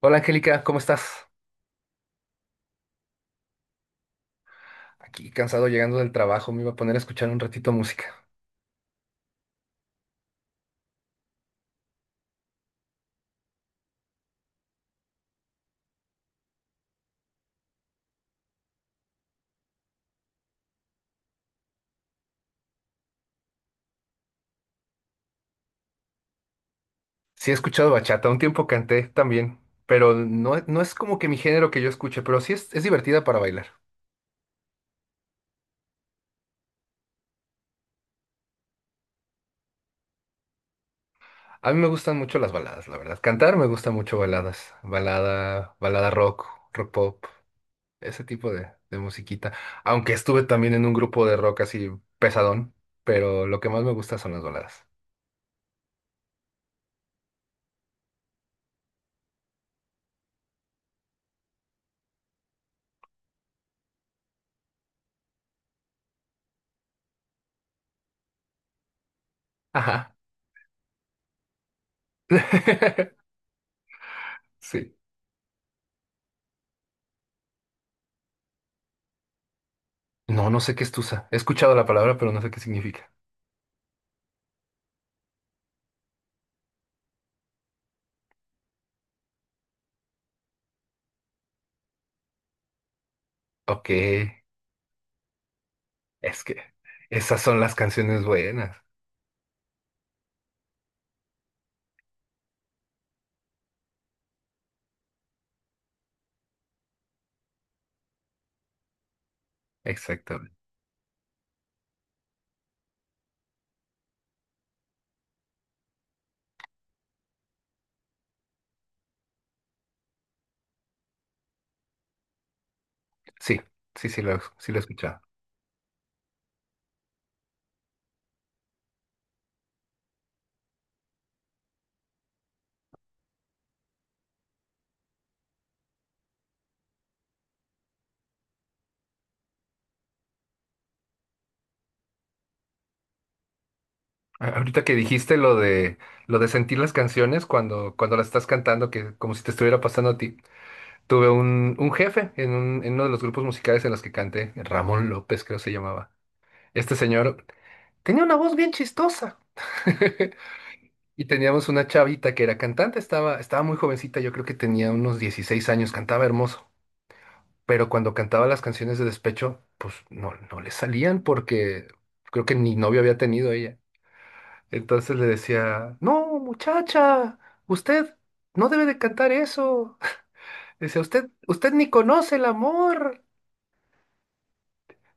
Hola Angélica, ¿cómo estás? Aquí cansado llegando del trabajo, me iba a poner a escuchar un ratito música. Sí he escuchado bachata, un tiempo canté también, pero no, no es como que mi género que yo escuche, pero sí es divertida para bailar. A mí me gustan mucho las baladas, la verdad. Cantar me gusta mucho baladas, balada, balada rock, rock pop, ese tipo de musiquita. Aunque estuve también en un grupo de rock así pesadón, pero lo que más me gusta son las baladas. Ajá. Sí. No, no sé qué es tusa. He escuchado la palabra, pero no sé qué significa. Ok, es que esas son las canciones buenas. Exactamente. Sí, sí, sí lo he escuchado. Ahorita que dijiste lo de sentir las canciones cuando las estás cantando, que como si te estuviera pasando a ti. Tuve un jefe en uno de los grupos musicales en los que canté, Ramón López, creo se llamaba. Este señor tenía una voz bien chistosa. Y teníamos una chavita que era cantante, estaba muy jovencita, yo creo que tenía unos 16 años, cantaba hermoso. Pero cuando cantaba las canciones de despecho, pues no, no le salían porque creo que ni novio había tenido ella. Entonces le decía: no, muchacha, usted no debe de cantar eso. Decía, usted, usted ni conoce el amor.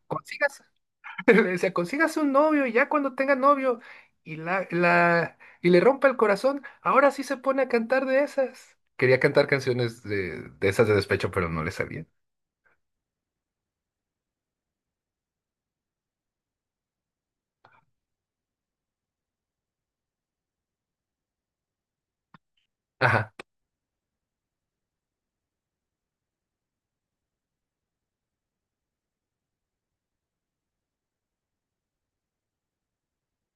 Consígase, le decía, consígase un novio y ya cuando tenga novio y y le rompa el corazón, ahora sí se pone a cantar de esas. Quería cantar canciones de esas de despecho, pero no le salían. Ajá.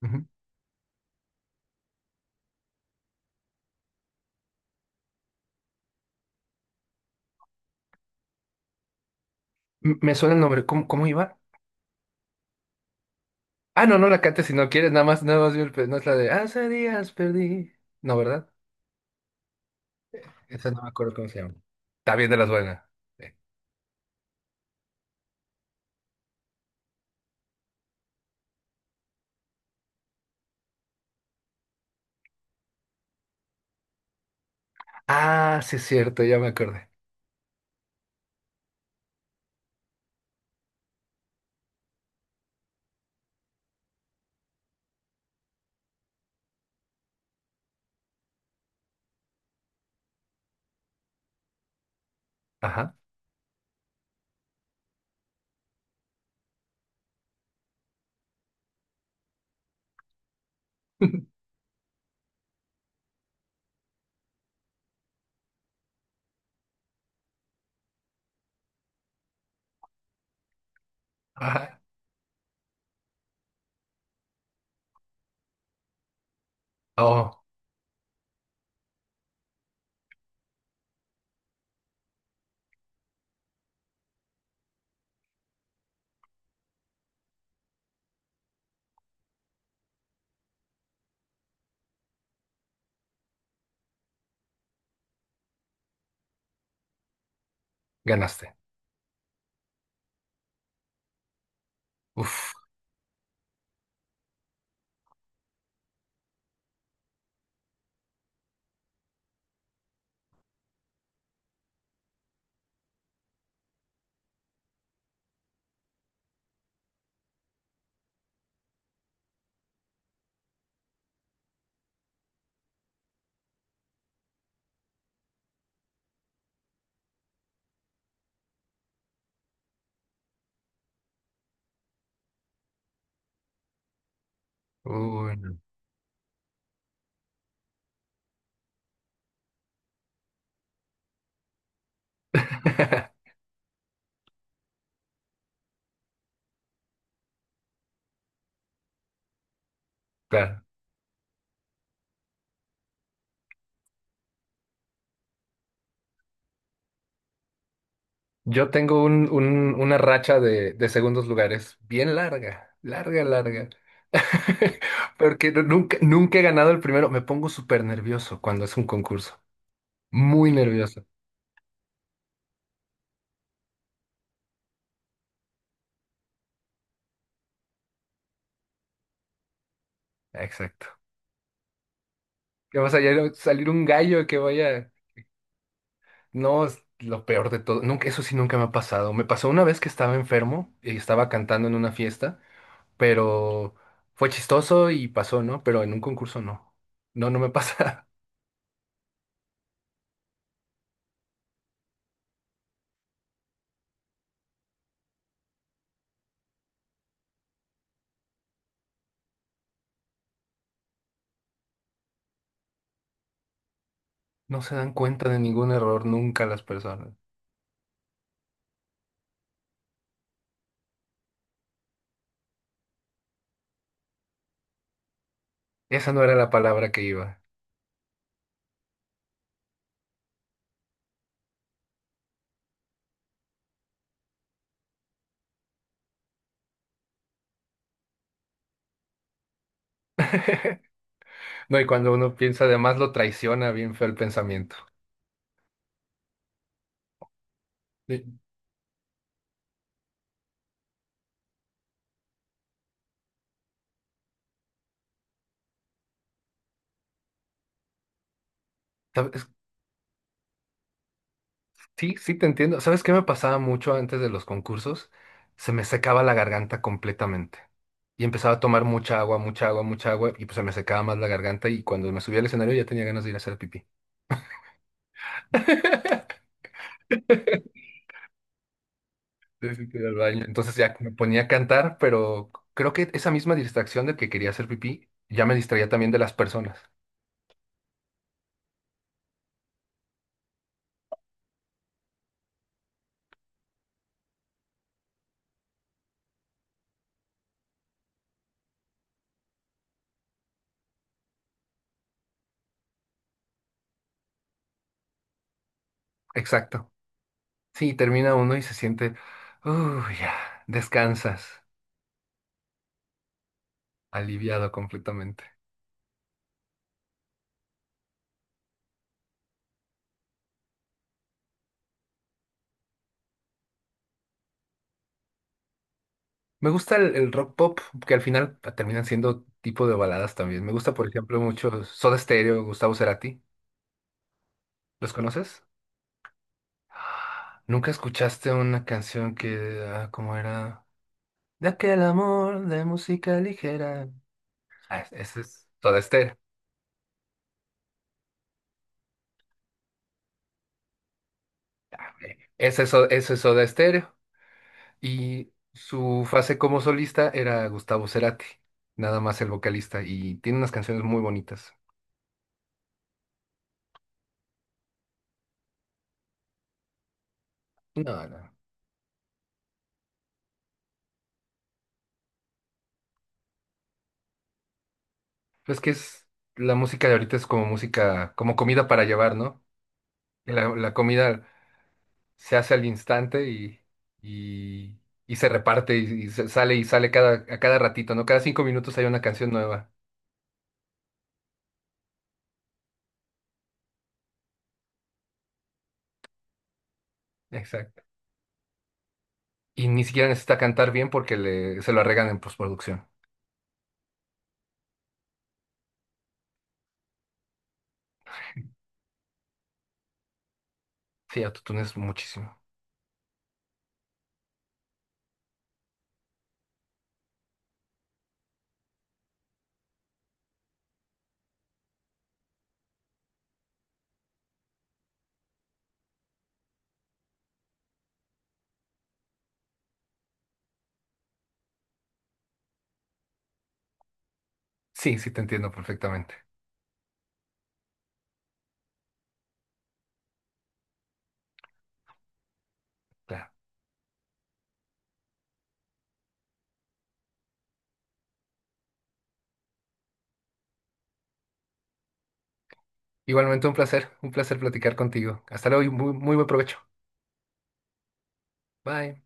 Ujú. M- Me suena el nombre. ¿Cómo iba? Ah, no, no la cantes si no quieres, nada más vi el pe- no es la de hace días perdí. No, ¿verdad? Esa no me acuerdo cómo se llama. Está bien de las buenas. Sí. Ah, sí es cierto, ya me acordé. Ajá. Ajá. Oh, ganaste. Uf. Uy, no. Claro. Yo tengo una racha de segundos lugares bien larga, larga, larga. Porque nunca he ganado el primero. Me pongo súper nervioso cuando es un concurso. Muy nervioso. Exacto. Que va a salir un gallo que vaya. No, es lo peor de todo. Nunca, eso sí nunca me ha pasado. Me pasó una vez que estaba enfermo y estaba cantando en una fiesta, pero fue chistoso y pasó, ¿no? Pero en un concurso no. No, no me pasa. No se dan cuenta de ningún error nunca las personas. Esa no era la palabra que iba. No, y cuando uno piensa, además lo traiciona bien feo el pensamiento. Sí. ¿Sabes? Sí, sí, te entiendo. ¿Sabes qué me pasaba mucho antes de los concursos? Se me secaba la garganta completamente. Y empezaba a tomar mucha agua, mucha agua, mucha agua, y pues se me secaba más la garganta y cuando me subía al escenario ya tenía ganas de ir a hacer pipí. Sí, sí, que ir al baño. Entonces ya me ponía a cantar, pero creo que esa misma distracción de que quería hacer pipí ya me distraía también de las personas. Exacto. Sí, termina uno y se siente, uy, ya, descansas, aliviado completamente. Me gusta el rock pop, que al final terminan siendo tipo de baladas también. Me gusta, por ejemplo, mucho Soda Stereo, Gustavo Cerati. ¿Los conoces? ¿Nunca escuchaste una canción que, ah, cómo era? De aquel amor de música ligera. Ah, ese es Soda Stereo. Ese es Soda Stereo. Y su fase como solista era Gustavo Cerati, nada más el vocalista, y tiene unas canciones muy bonitas. No, no. Pues que es, la música de ahorita es como música, como comida para llevar, ¿no? Que la comida se hace al instante y, y se reparte y se sale y sale a cada ratito, ¿no? Cada 5 minutos hay una canción nueva. Exacto. Y ni siquiera necesita cantar bien porque le, se lo arreglan en postproducción. Sí, autotunes muchísimo. Sí, sí te entiendo perfectamente. Claro. Igualmente un placer platicar contigo. Hasta luego y muy, muy buen provecho. Bye.